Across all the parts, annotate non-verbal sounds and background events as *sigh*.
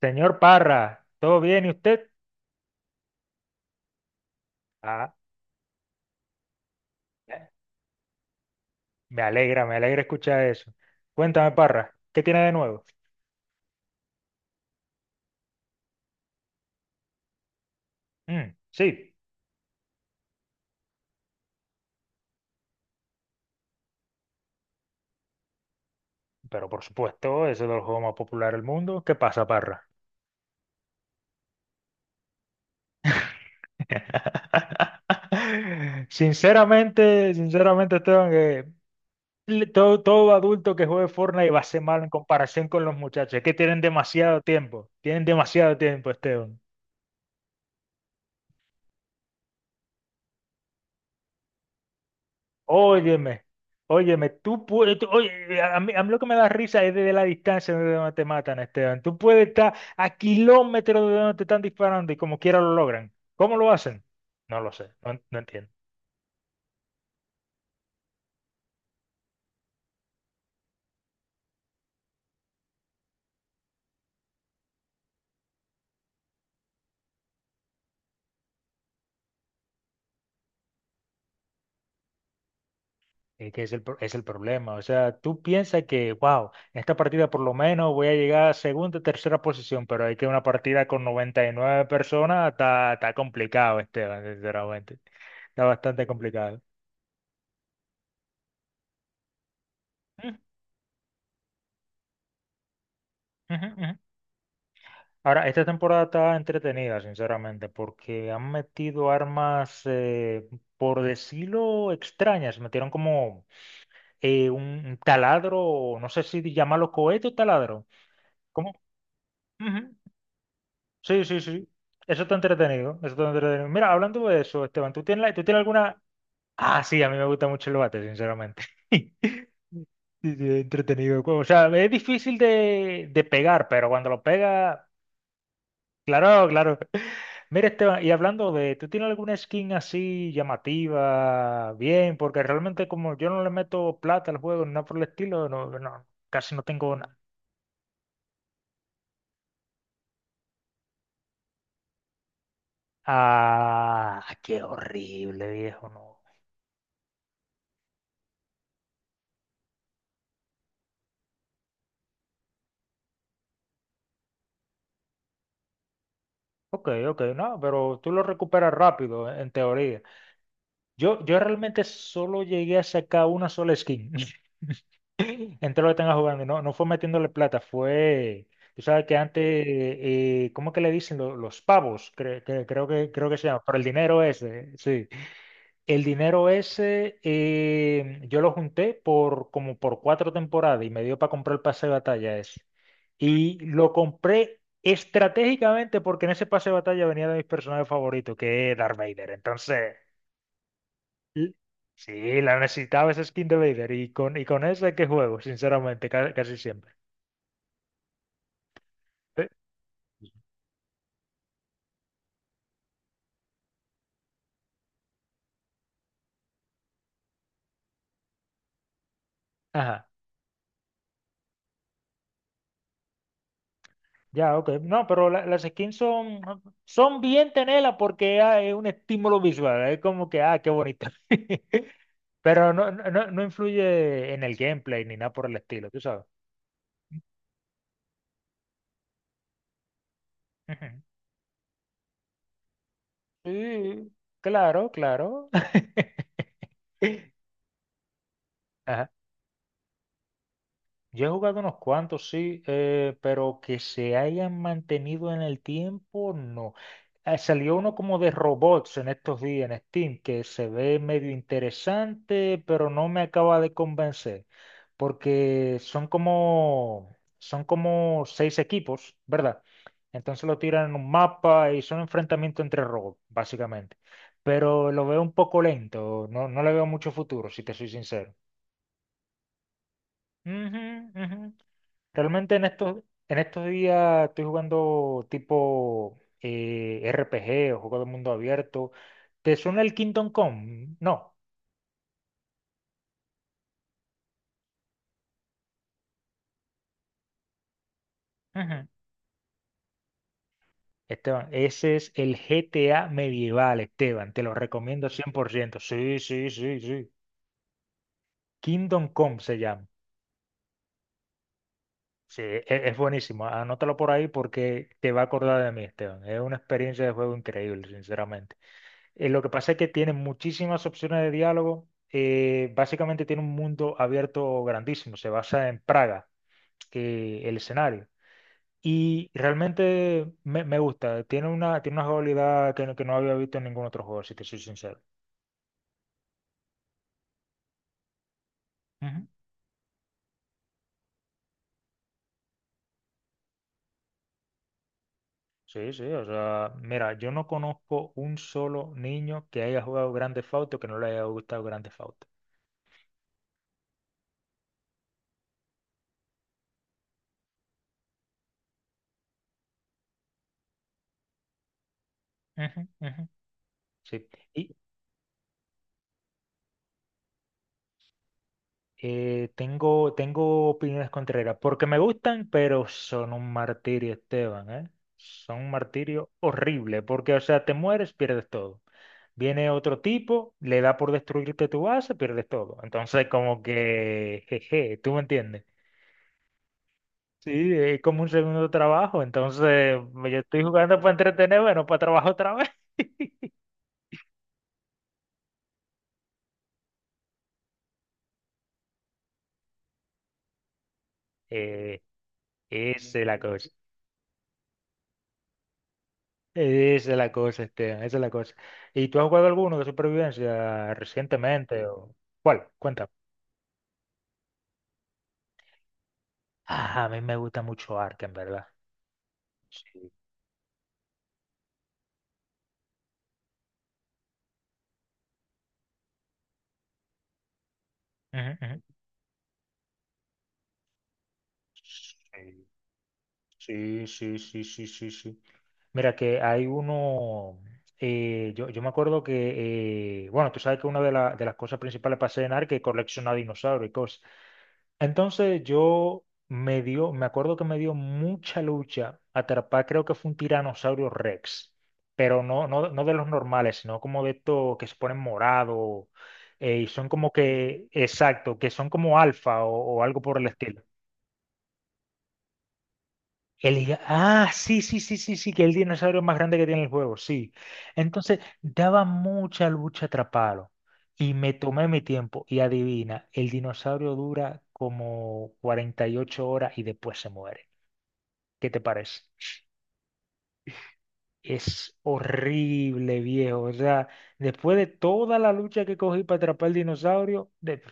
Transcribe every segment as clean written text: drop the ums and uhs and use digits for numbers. Señor Parra, ¿todo bien y usted? Ah, me alegra escuchar eso. Cuéntame, Parra, ¿qué tiene de nuevo? Mm, sí, pero por supuesto, eso es el juego más popular del mundo. ¿Qué pasa, Parra? *laughs* Sinceramente, sinceramente, Esteban, que todo adulto que juegue Fortnite va a ser malo en comparación con los muchachos, que tienen demasiado tiempo. Tienen demasiado tiempo, Esteban. Óyeme, óyeme, oye, a mí lo que me da risa es desde la distancia de donde te matan, Esteban. Tú puedes estar a kilómetros de donde te están disparando y como quiera lo logran. ¿Cómo lo hacen? No lo sé, no, no entiendo. Es que es el problema. O sea, tú piensas que, wow, en esta partida por lo menos voy a llegar a segunda, tercera posición, pero hay que una partida con 99 personas está complicado, Esteban, sinceramente. Está bastante complicado. Ujú, ujú, ujú. Ahora, esta temporada está entretenida, sinceramente, porque han metido armas, por decirlo, extrañas. Metieron como un taladro, o no sé si llamarlo cohete o taladro. ¿Cómo? Ujú. Sí, sí, sí. Eso está entretenido. Eso está entretenido. Mira, hablando de eso, Esteban, ¿tú tienes alguna... Ah, sí, a mí me gusta mucho el bate, sinceramente. *laughs* Sí, sí, entretenido. O sea, es difícil de pegar, pero cuando lo pega, claro, claro. Mira, Esteban, y hablando de, ¿tú tienes alguna skin así llamativa? Bien, porque realmente como yo no le meto plata al juego, ni nada por el estilo, no, no, casi no tengo nada. Ah, qué horrible, viejo, no. Ok, ok, no, pero tú lo recuperas rápido, en teoría. Yo realmente solo llegué a sacar una sola skin, *laughs* entre lo que tenga jugando, y no, no fue metiéndole plata, fue... Tú sabes que antes, ¿cómo que le dicen? Los, pavos, creo que se llama, por el dinero ese, sí. El dinero ese yo lo junté por como por 4 temporadas y me dio para comprar el pase de batalla ese. Y lo compré estratégicamente porque en ese pase de batalla venía de mis personajes favoritos, que es Darth Vader. Entonces, l- sí, la necesitaba esa skin de Vader y con esa es que juego, sinceramente, casi, siempre. Eh, Ajá. Ya, ok. No, pero las skins son bien tenerlas porque ah, es un estímulo visual. Es como que, ah, qué bonito. *laughs* Pero no, no no influye en el gameplay ni nada por el estilo, tú sabes. Ujú. *laughs* Sí, claro, claro. *laughs* Ajá. Yo he jugado unos cuantos, sí, pero que se hayan mantenido en el tiempo, no. Salió uno como de robots en estos días en Steam, que se ve medio interesante, pero no me acaba de convencer, porque son como seis equipos, ¿verdad? Entonces lo tiran en un mapa y son enfrentamientos entre robots, básicamente. Pero lo veo un poco lento, no, no le veo mucho futuro, si te soy sincero. Ujú, ujú. Realmente en estos días estoy jugando tipo RPG o juego de mundo abierto. ¿Te suena el Kingdom Come? No. Ujú. Esteban, ese es el GTA medieval, Esteban. Te lo recomiendo 100%. Sí, sí, sí, sí. Kingdom Come se llama. Sí, es buenísimo. Anótalo por ahí porque te va a acordar de mí, Esteban. Es una experiencia de juego increíble, sinceramente. Lo que pasa es que tiene muchísimas opciones de diálogo. Básicamente tiene un mundo abierto grandísimo. Se basa en Praga, que el escenario. Y realmente me gusta. Tiene una jugabilidad que, que no había visto en ningún otro juego, si te soy sincero. Ujú. Sí, sí. O sea, mira, yo no conozco un solo niño que haya jugado Grand Theft Auto que no le haya gustado Grand Theft Auto. Ujú, ujú. Sí. Tengo opiniones contrarias, porque me gustan, pero son un martirio, Esteban, ¿eh? Son un martirio horrible, porque, o sea, te mueres, pierdes todo. Viene otro tipo, le da por destruirte tu base, pierdes todo. Entonces, como que, jeje, ¿tú me entiendes? Sí, es como un segundo trabajo, entonces yo estoy jugando para entretenerme, no para trabajar otra vez. *laughs* Eh, esa es la cosa. Esa es la cosa, Esteban, esa es la cosa. ¿Y tú has jugado alguno de supervivencia recientemente o cuál? Cuenta. Ah, a mí me gusta mucho Ark, verdad. Sí. Ujú, ujú. Sí, sí, sí, sí, sí, sí, sí. Mira que hay uno, yo me acuerdo que, bueno, tú sabes que una de las cosas principales para hacer en Ark es coleccionar dinosaurios y cosas. Entonces me acuerdo que me dio mucha lucha atrapar, creo que fue un tiranosaurio Rex, pero no, no, no de los normales, sino como de estos que se ponen morado y son como que, exacto, que son como alfa o algo por el estilo. Ah, sí, sí, sí, sí, sí, que el dinosaurio más grande que tiene el juego, sí. Entonces, daba mucha lucha atraparlo. Y me tomé mi tiempo. Y adivina, el dinosaurio dura como 48 horas y después se muere. ¿Qué te parece? Es horrible, viejo. O sea, después de toda la lucha que cogí para atrapar el dinosaurio,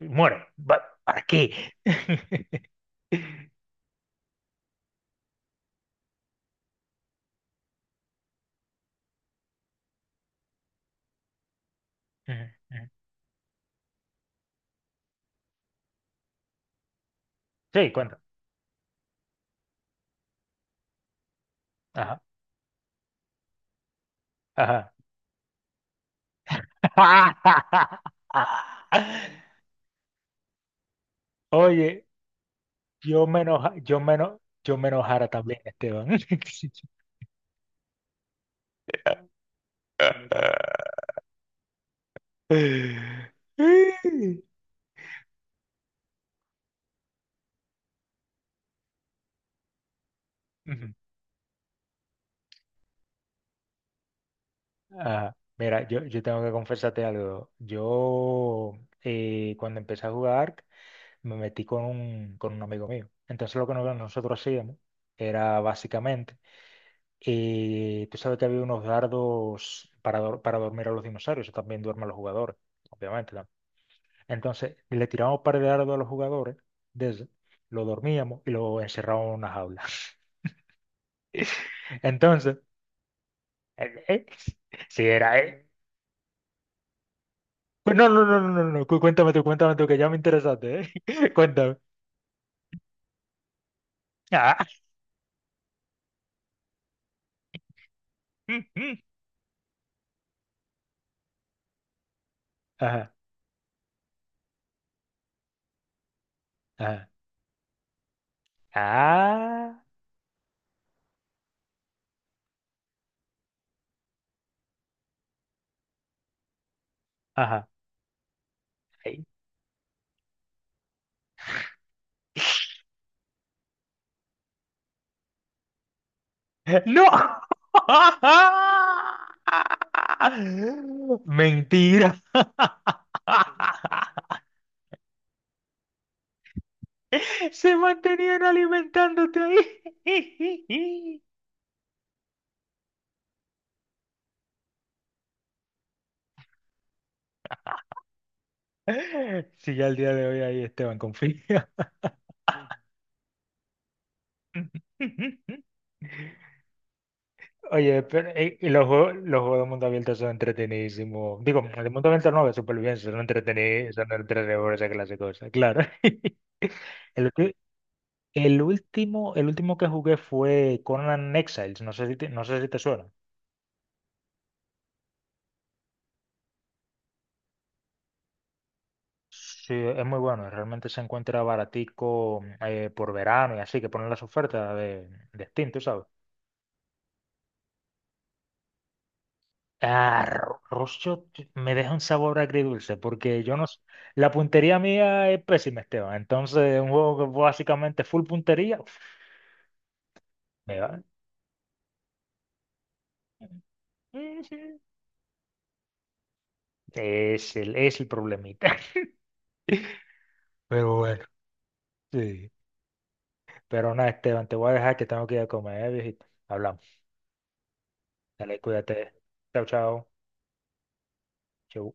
muere. ¿Para qué? *laughs* Ujú, ujú. Sí, cuenta. Ajá, ajá. *laughs* Oye, yo me enojara también, Esteban. *laughs* Ujú. Ah, mira, yo tengo que confesarte algo. Cuando empecé a jugar, me metí con un amigo mío. Entonces, lo que nosotros hacíamos era básicamente, tú sabes que había unos dardos para dormir a los dinosaurios, eso también duermen los jugadores, obviamente. Entonces, le tirábamos un par de dardos a los jugadores, de eso, lo dormíamos y lo encerrábamos en una jaula. *laughs* Entonces, eh, eh, si era él. Pues no, no, no, no, no, no, cuéntame tú, que ya me interesaste, ¿eh? *laughs* Cuéntame. Ah, mm, mm. Ajá, ajá. Ah, ajá. Ahí. ¡No! *laughs* Mentira. *laughs* Se mantenían alimentándote ahí. *laughs* Si ya el día de hoy ahí Esteban confía. *laughs* Oye, pero y los juegos de mundo abierto son entretenidísimos. Digo, de mundo abierto no, de supervivencia, son entretenidos esa clase de cosas, claro. *laughs* El, ulti- el último que jugué fue Conan Exiles, no sé si te suena. Sí, es muy bueno, realmente se encuentra baratico por verano y así, que ponen las ofertas de Steam, tú sabes. Ah, me deja un sabor agridulce porque yo no... s- La puntería mía es pésima, Esteban. Entonces, un juego que básicamente full puntería, uf, me va. Ujú. Es el problemita. *laughs* Pero bueno, sí. Pero nada, Esteban, te voy a dejar que tengo que ir a comer, ¿eh, viejito? Hablamos. Dale, cuídate. Chao, chao. Chau.